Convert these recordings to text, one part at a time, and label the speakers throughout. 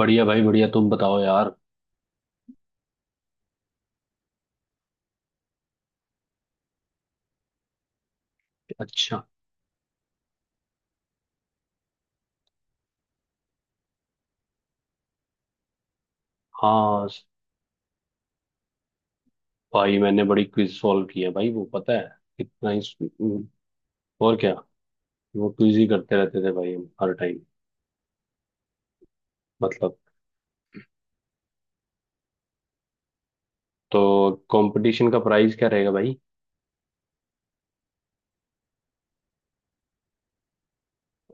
Speaker 1: बढ़िया भाई बढ़िया। तुम बताओ यार। अच्छा। हाँ। भाई मैंने बड़ी क्विज सॉल्व की है भाई, वो पता है कितना ही। और क्या। वो क्विज ही करते रहते थे भाई हम हर टाइम। मतलब। तो कंपटीशन का प्राइस क्या रहेगा भाई?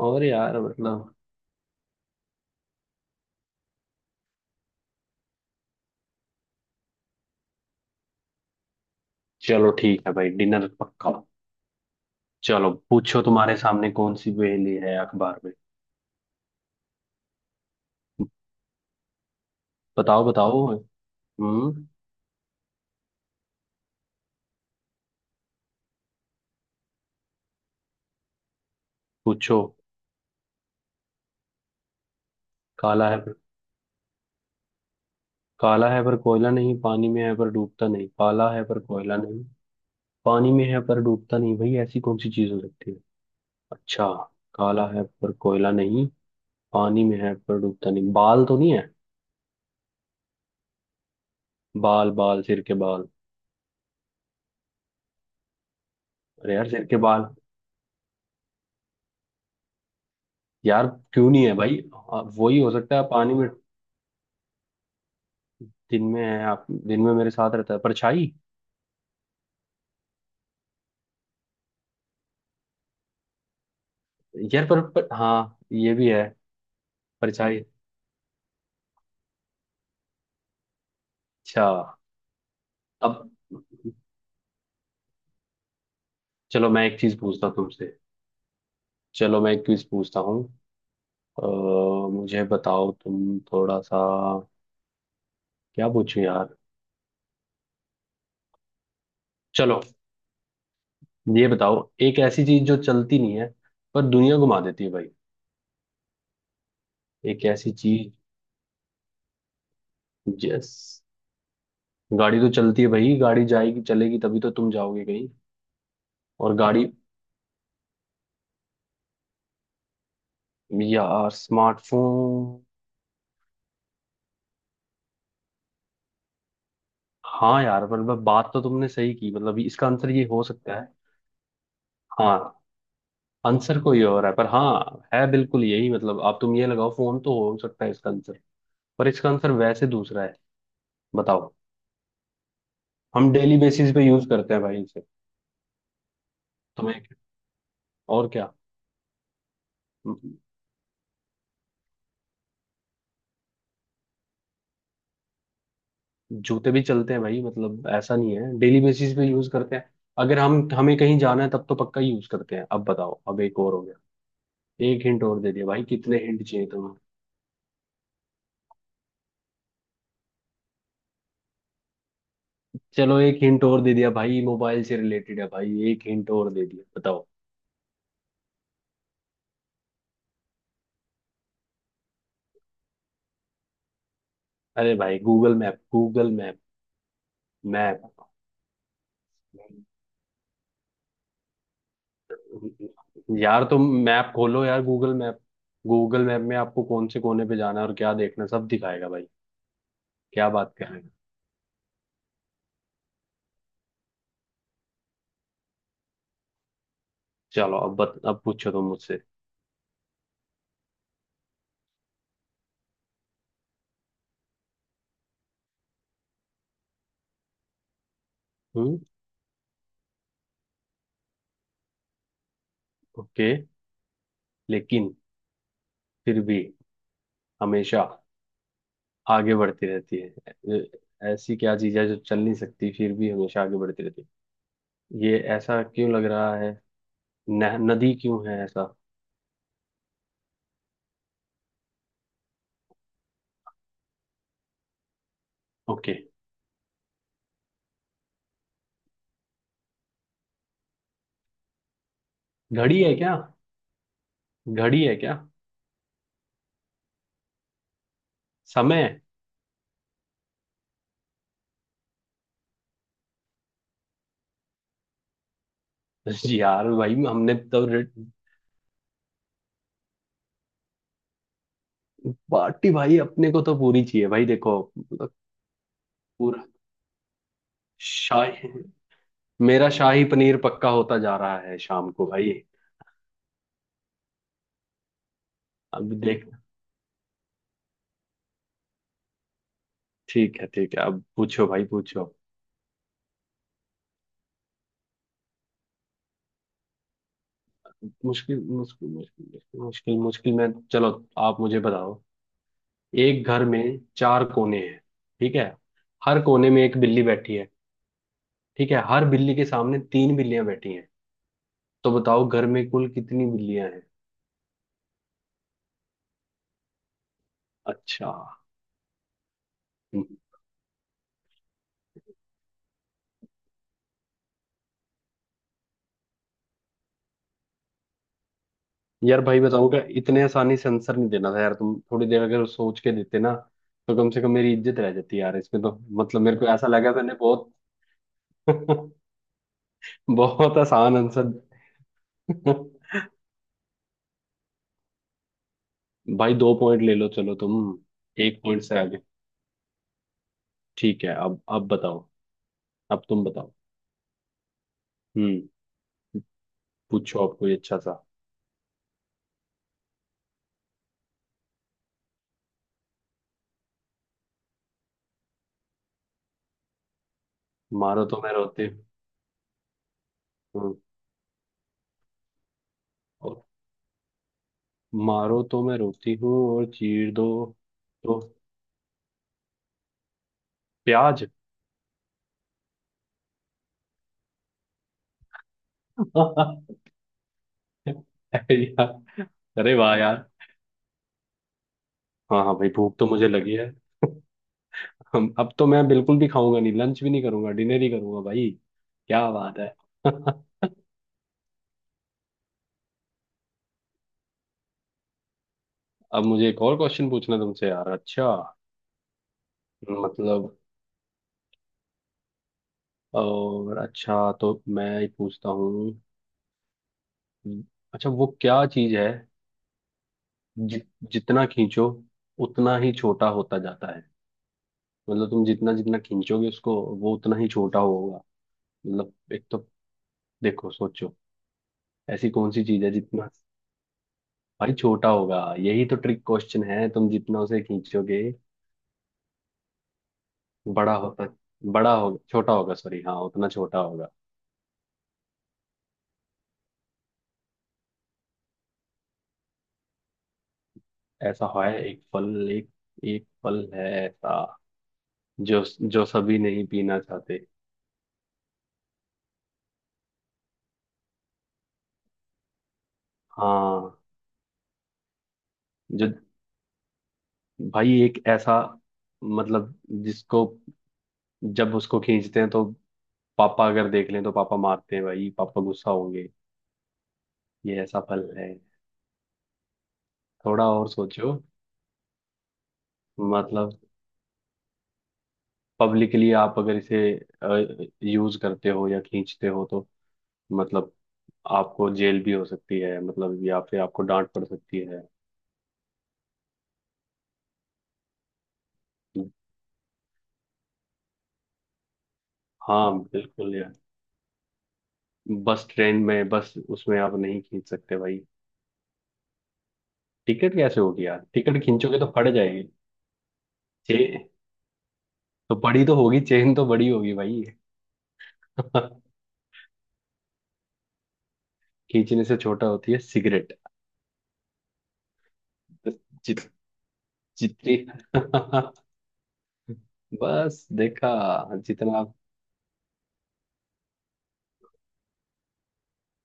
Speaker 1: और यार मतलब। चलो ठीक है भाई, डिनर पक्का। चलो पूछो, तुम्हारे सामने कौन सी पहेली है अखबार में? बताओ बताओ। हम्म। पूछो। काला है पर काला है पर कोयला नहीं, पानी में है पर डूबता नहीं। काला है पर कोयला नहीं, पानी में है पर डूबता नहीं भाई, ऐसी कौन सी चीज हो सकती है? अच्छा। काला है पर कोयला नहीं, पानी में है पर डूबता नहीं, बाल तो नहीं है? बाल, बाल, सिर के बाल। अरे यार सिर के बाल। यार। क्यों नहीं है भाई? वही हो सकता है पानी में। दिन में है आप, दिन में मेरे साथ रहता है, परछाई। यार पर हाँ ये भी है। परछाई। अच्छा। अब। चलो मैं एक चीज पूछता हूँ तुमसे। चलो मैं एक चीज पूछता हूँ। अ, मुझे बताओ तुम थोड़ा सा। क्या पूछूं यार? चलो। ये बताओ, एक ऐसी चीज जो चलती नहीं है पर दुनिया घुमा देती है भाई। एक ऐसी चीज। जस गाड़ी तो चलती है भाई, गाड़ी जाएगी चलेगी तभी तो तुम जाओगे कहीं। और गाड़ी। यार स्मार्टफोन। हाँ यार, मतलब बात तो तुमने सही की, मतलब इसका आंसर ये हो सकता है। हाँ। आंसर कोई और है पर हाँ है बिल्कुल यही, मतलब आप तुम ये लगाओ फोन तो हो सकता है इसका आंसर। पर इसका आंसर वैसे दूसरा है। बताओ। हम डेली बेसिस पे यूज करते हैं भाई इसे। तुम्हें। और क्या। जूते भी चलते हैं भाई, मतलब ऐसा नहीं है, डेली बेसिस पे यूज करते हैं। अगर हम हमें कहीं जाना है तब तो पक्का यूज करते हैं। अब बताओ, अब एक और हो गया। एक हिंट और दे दिया भाई, कितने हिंट चाहिए तुम्हें? चलो एक हिंट और दे दिया भाई, मोबाइल से रिलेटेड है भाई, एक हिंट और दे दिया, बताओ। अरे भाई Google map, Google map. Map. यार तुम मैप खोलो यार, गूगल मैप। गूगल मैप में आपको कौन से कोने पे जाना है और क्या देखना है, सब दिखाएगा भाई। क्या बात कर रहे हैं। चलो अब पूछो तुम मुझसे। हम्म। ओके। लेकिन फिर भी हमेशा आगे बढ़ती रहती है। ए- ऐसी क्या चीज है जो चल नहीं सकती फिर भी हमेशा आगे बढ़ती रहती है? ये ऐसा क्यों लग रहा है? न, नदी क्यों है ऐसा? ओके। घड़ी है क्या? घड़ी है क्या? समय है? जी यार भाई, हमने तो पार्टी भाई, अपने को तो पूरी चाहिए भाई, देखो मतलब। पूरा। शाही। मेरा शाही पनीर पक्का होता जा रहा है शाम को भाई। अब देख। ठीक है ठीक है, अब पूछो भाई, पूछो। मुश्किल मुश्किल मुश्किल मुश्किल मुश्किल मुश्किल में चलो। आप मुझे बताओ। एक घर में चार कोने हैं। ठीक है। हर कोने में एक बिल्ली बैठी है। ठीक है, हर बिल्ली के सामने तीन बिल्लियां बैठी हैं। तो बताओ घर में कुल कितनी बिल्लियां हैं? अच्छा। हम्म। यार भाई बताऊं क्या, इतने आसानी से आंसर नहीं देना था यार, तुम थोड़ी देर अगर सोच के देते ना। तो कम से कम मेरी इज्जत रह जाती यार, इसमें तो। मतलब मेरे को ऐसा लगा मैंने बहुत बहुत आसान आंसर। भाई दो पॉइंट ले लो, चलो तुम। एक पॉइंट से आगे। ठीक है, अब बताओ। अब तुम बताओ। हम्म। पूछो आप कोई अच्छा सा। मारो तो मैं रोती हूँ, और। मारो तो मैं रोती हूँ और चीर दो तो। प्याज। यार। अरे वाह यार। हाँ हाँ भाई, भूख तो मुझे लगी है। हम अब तो मैं बिल्कुल भी खाऊंगा नहीं, लंच भी नहीं करूंगा, डिनर ही करूंगा भाई। क्या बात है। अब मुझे एक और क्वेश्चन पूछना तुमसे यार, अच्छा। मतलब। और अच्छा तो मैं ही पूछता हूँ। हम्म, अच्छा, वो क्या चीज है? जि, जितना खींचो उतना ही छोटा होता जाता है। मतलब तुम जितना जितना खींचोगे उसको, वो उतना ही छोटा होगा। मतलब एक तो, देखो सोचो, ऐसी कौन सी चीज है जितना। भाई छोटा होगा, यही तो ट्रिक क्वेश्चन है, तुम जितना उसे खींचोगे। बड़ा होता, बड़ा होगा, छोटा होगा, सॉरी हाँ, उतना छोटा होगा। ऐसा है एक फल एक, एक फल है ऐसा, जो, जो सभी नहीं पीना चाहते। हाँ। जो, भाई एक ऐसा, मतलब, जिसको, जब उसको खींचते हैं तो पापा अगर देख लें तो पापा मारते हैं भाई, पापा गुस्सा होंगे। ये ऐसा फल है। थोड़ा और सोचो। मतलब पब्लिकली आप अगर इसे यूज करते हो या खींचते हो तो, मतलब आपको जेल भी हो सकती है, मतलब या फिर आपको डांट पड़ सकती है। हाँ बिल्कुल यार। बस ट्रेन में, बस उसमें आप नहीं खींच सकते भाई। टिकट कैसे होगी यार, टिकट खींचोगे तो फट जाएगी। चे तो बड़ी तो होगी, चेन तो बड़ी होगी भाई। खींचने से छोटा होती है सिगरेट। जित जितनी बस देखा, जितना आप।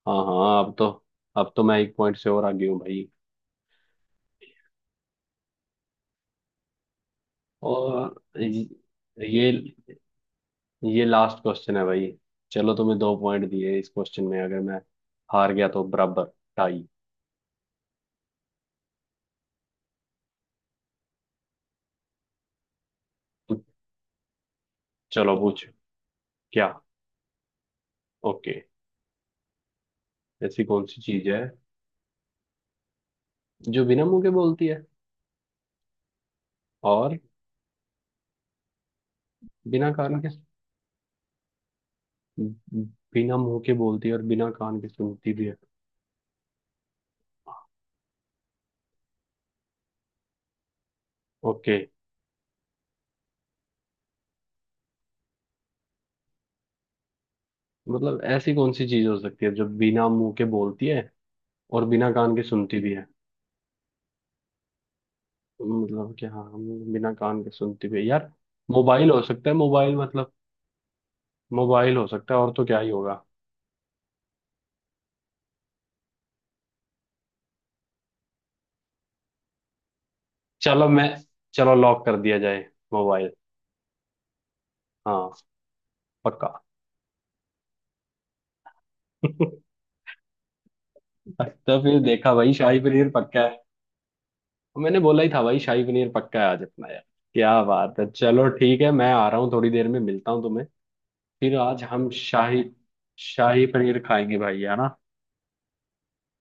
Speaker 1: हाँ हाँ, अब तो, अब तो मैं एक पॉइंट से और आगे हूँ भाई। और ये ये लास्ट क्वेश्चन है भाई। चलो तुम्हें दो पॉइंट दिए इस क्वेश्चन में, अगर मैं हार गया तो बराबर, टाई। चलो पूछ। क्या। ओके। ऐसी कौन सी चीज है जो बिना मुंह के बोलती है और बिना कान के, बिना मुंह के बोलती है और बिना कान के सुनती भी है? ओके। मतलब ऐसी कौन सी चीज हो सकती है जो बिना मुंह के बोलती है और बिना कान के सुनती भी है? मतलब क्या, हाँ, बिना कान के सुनती भी है यार। मोबाइल हो सकता है, मोबाइल, मतलब मोबाइल हो सकता है, और तो क्या ही होगा। चलो मैं, चलो लॉक कर दिया जाए, मोबाइल। हाँ, पक्का। तो फिर देखा भाई, शाही पनीर पक्का है। तो मैंने बोला ही था भाई, शाही पनीर पक्का है आज अपना यार। क्या बात है, चलो ठीक है, मैं आ रहा हूँ थोड़ी देर में, मिलता हूँ तुम्हें। फिर आज हम शाही, शाही पनीर खाएंगे भाई, है ना?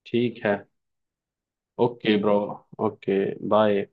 Speaker 1: ठीक है। Okay bro. ओके। बाय।